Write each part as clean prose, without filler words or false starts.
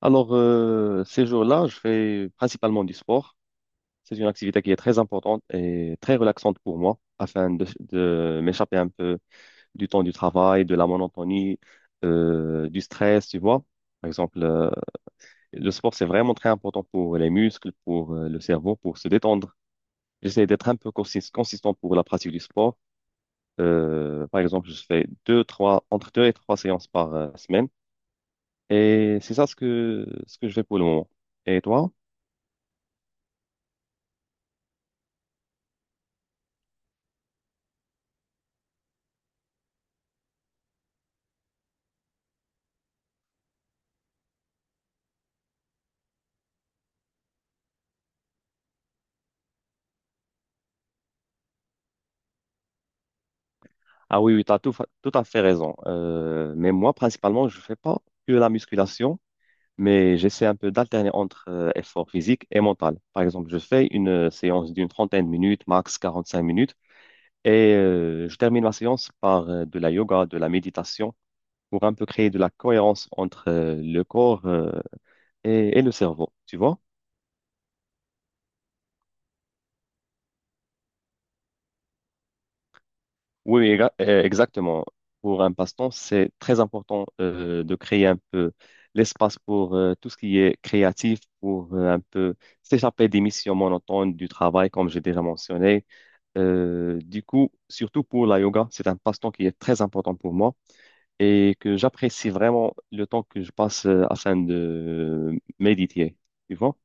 Alors, ces jours-là, je fais principalement du sport. C'est une activité qui est très importante et très relaxante pour moi, afin de m'échapper un peu du temps du travail, de la monotonie, du stress, tu vois. Par exemple, le sport, c'est vraiment très important pour les muscles, pour le cerveau, pour se détendre. J'essaie d'être un peu consistant pour la pratique du sport. Par exemple, je fais deux, trois, entre deux et trois séances par semaine. Et c'est ça ce que je fais pour le moment. Et toi? Ah oui, oui, tu as tout à fait raison. Mais moi, principalement, je fais pas que la musculation, mais j'essaie un peu d'alterner entre effort physique et mental. Par exemple, je fais une séance d'une trentaine de minutes, max 45 minutes, et je termine ma séance par de la yoga, de la méditation, pour un peu créer de la cohérence entre le corps, et le cerveau, tu vois? Oui, exactement. Pour un passe-temps, c'est très important de créer un peu l'espace pour tout ce qui est créatif, pour un peu s'échapper des missions monotones du travail, comme j'ai déjà mentionné. Du coup, surtout pour la yoga, c'est un passe-temps qui est très important pour moi et que j'apprécie vraiment le temps que je passe, afin de méditer, tu vois?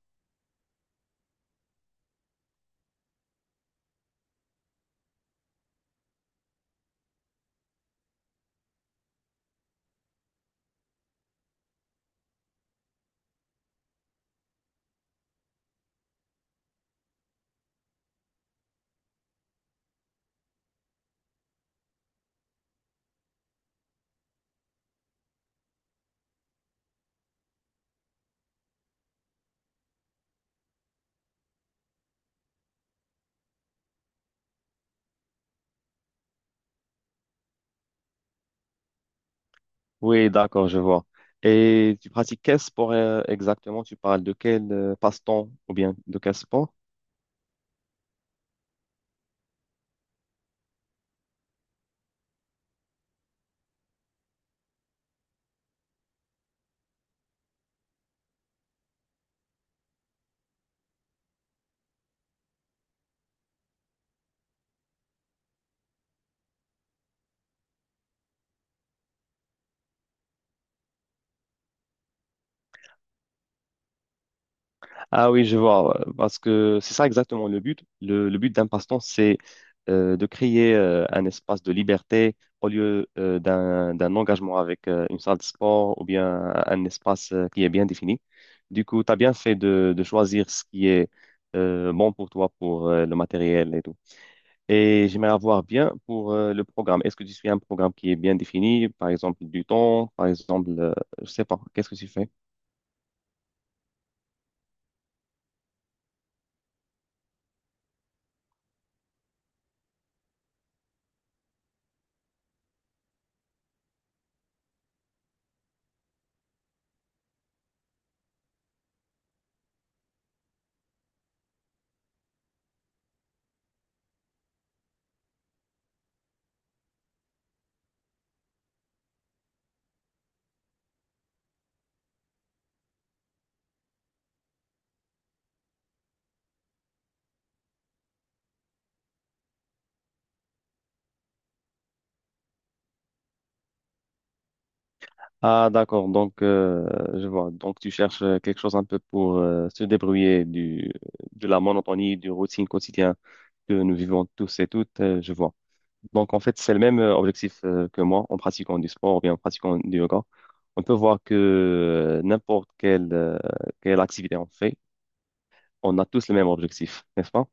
Oui, d'accord, je vois. Et tu pratiques quel sport, exactement? Tu parles de quel passe-temps ou bien de quel sport? Ah oui, je vois, parce que c'est ça exactement le but. Le but d'un passe-temps, c'est de créer un espace de liberté au lieu d'un engagement avec une salle de sport ou bien un espace, qui est bien défini. Du coup, tu as bien fait de choisir ce qui est bon pour toi, pour le matériel et tout. Et j'aimerais avoir bien pour le programme. Est-ce que tu suis un programme qui est bien défini, par exemple du temps, par exemple, je sais pas, qu'est-ce que tu fais? Ah, d'accord, donc je vois. Donc tu cherches quelque chose un peu pour se débrouiller du, de la monotonie, du routine quotidien que nous vivons tous et toutes, je vois. Donc, en fait, c'est le même objectif, que moi en pratiquant du sport ou bien en pratiquant du yoga. On peut voir que n'importe quelle activité on fait, on a tous le même objectif, n'est-ce pas?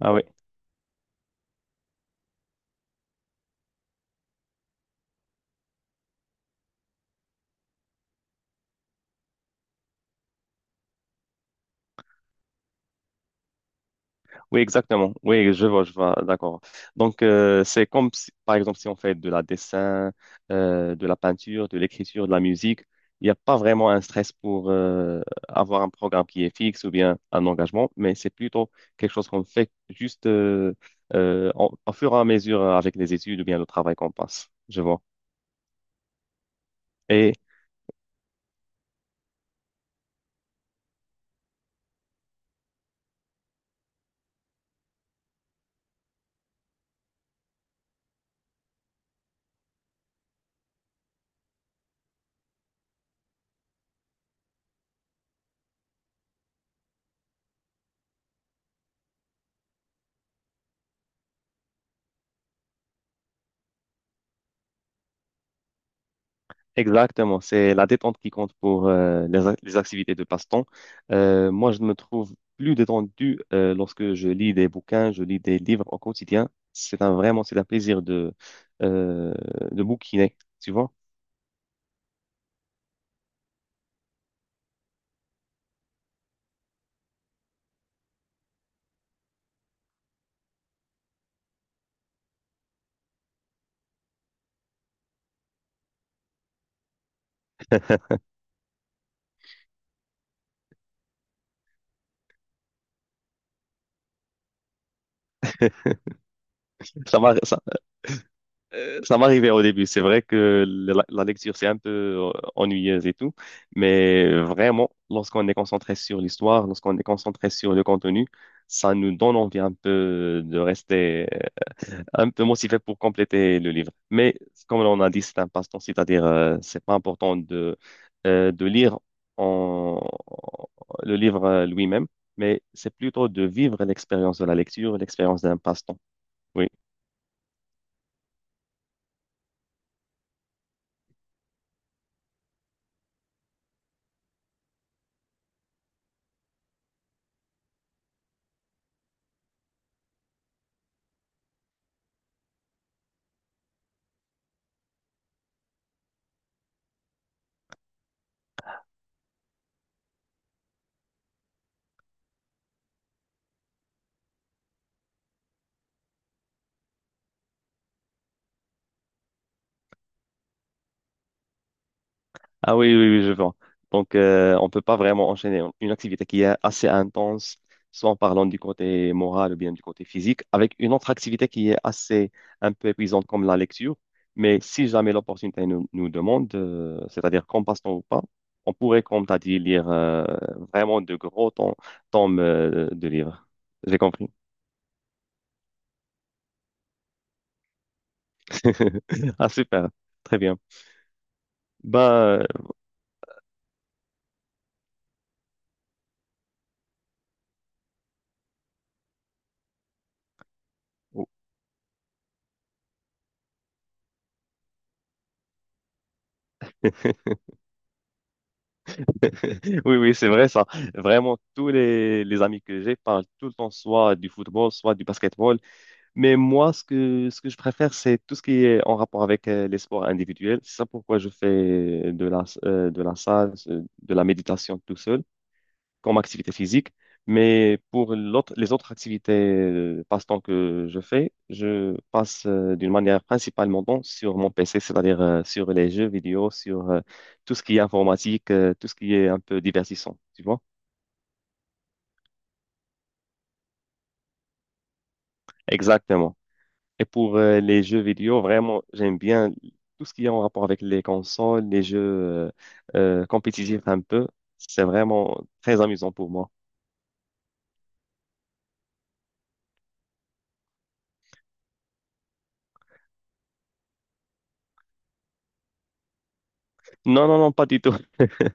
Ah oui. Oui, exactement. Oui, je vois, d'accord. Donc, c'est comme si, par exemple, si on fait de la dessin, de la peinture, de l'écriture, de la musique, il n'y a pas vraiment un stress pour avoir un programme qui est fixe ou bien un engagement, mais c'est plutôt quelque chose qu'on fait juste au fur et à mesure avec les études ou bien le travail qu'on passe. Je vois. Exactement, c'est la détente qui compte pour les activités de passe-temps. Moi, je me trouve plus détendu lorsque je lis des bouquins, je lis des livres au quotidien. C'est un plaisir euh, de bouquiner, tu vois. Ça m'a- ça, Ça m'arrivait au début. C'est vrai que la lecture, c'est un peu ennuyeuse et tout, mais vraiment, lorsqu'on est concentré sur l'histoire, lorsqu'on est concentré sur le contenu, ça nous donne envie un peu de rester, un peu motivé pour compléter le livre. Mais comme on a dit, c'est un passe-temps, c'est-à-dire c'est pas important de lire en- le livre, lui-même, mais c'est plutôt de vivre l'expérience de la lecture, l'expérience d'un passe-temps. Oui. Ah oui, oui, oui, je vois. Donc, on peut pas vraiment enchaîner une activité qui est assez intense, soit en parlant du côté moral ou bien du côté physique, avec une autre activité qui est assez un peu épuisante comme la lecture. Mais si jamais l'opportunité nous, nous demande, c'est-à-dire qu'on passe temps ou pas, on pourrait, comme tu as dit, lire vraiment de gros tomes, de livres. J'ai compris. Ah, super. Très bien. Bah, euh, oui, oui, c'est vrai ça. Vraiment, tous les amis que j'ai parlent tout le temps soit du football, soit du basketball. Mais moi, ce que je préfère, c'est tout ce qui est en rapport avec les sports individuels. C'est ça pourquoi je fais de la salle, de la méditation tout seul comme activité physique. Mais pour les autres activités passe-temps que je fais, je passe d'une manière principalement donc sur mon PC, c'est-à-dire sur les jeux vidéo, sur tout ce qui est informatique, tout ce qui est un peu divertissant, tu vois? Exactement. Et pour les jeux vidéo, vraiment, j'aime bien tout ce qui est en rapport avec les consoles, les jeux compétitifs un peu. C'est vraiment très amusant pour moi. Non, non, non, pas du tout.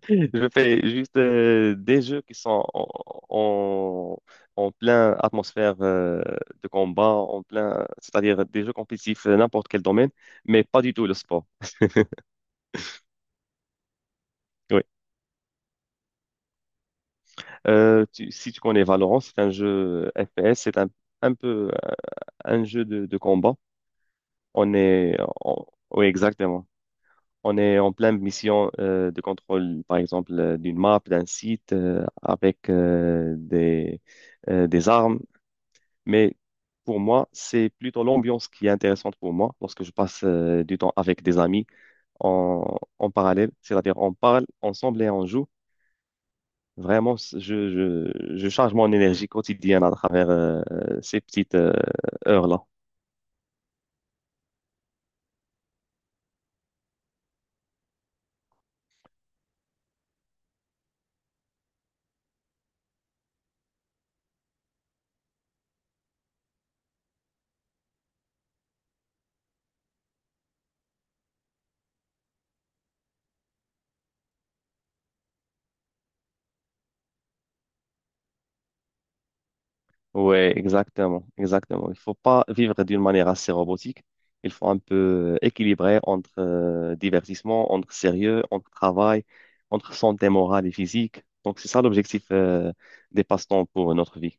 Je fais juste des jeux qui sont en, en plein atmosphère de combat, c'est-à-dire des jeux compétitifs, n'importe quel domaine, mais pas du tout le sport. Oui. Si tu connais Valorant, c'est un jeu FPS, c'est un peu, un jeu de combat. On est, on- oui, exactement. On est en pleine mission de contrôle, par exemple, d'une map, d'un site, avec des armes. Mais pour moi, c'est plutôt l'ambiance qui est intéressante pour moi lorsque je passe du temps avec des amis en parallèle. C'est-à-dire, on parle ensemble et on joue. Vraiment, je charge mon énergie quotidienne à travers ces petites heures-là. Ouais, exactement, exactement. Il faut pas vivre d'une manière assez robotique. Il faut un peu équilibrer entre divertissement, entre sérieux, entre travail, entre santé morale et physique. Donc, c'est ça l'objectif, des passe-temps pour notre vie.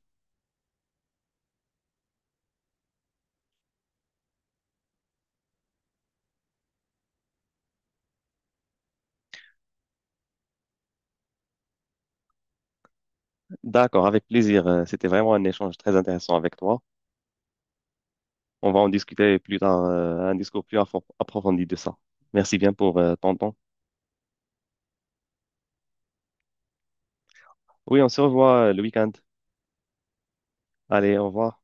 D'accord, avec plaisir. C'était vraiment un échange très intéressant avec toi. On va en discuter plus tard, un discours plus approfondi de ça. Merci bien pour ton temps. Oui, on se revoit, le week-end. Allez, au revoir.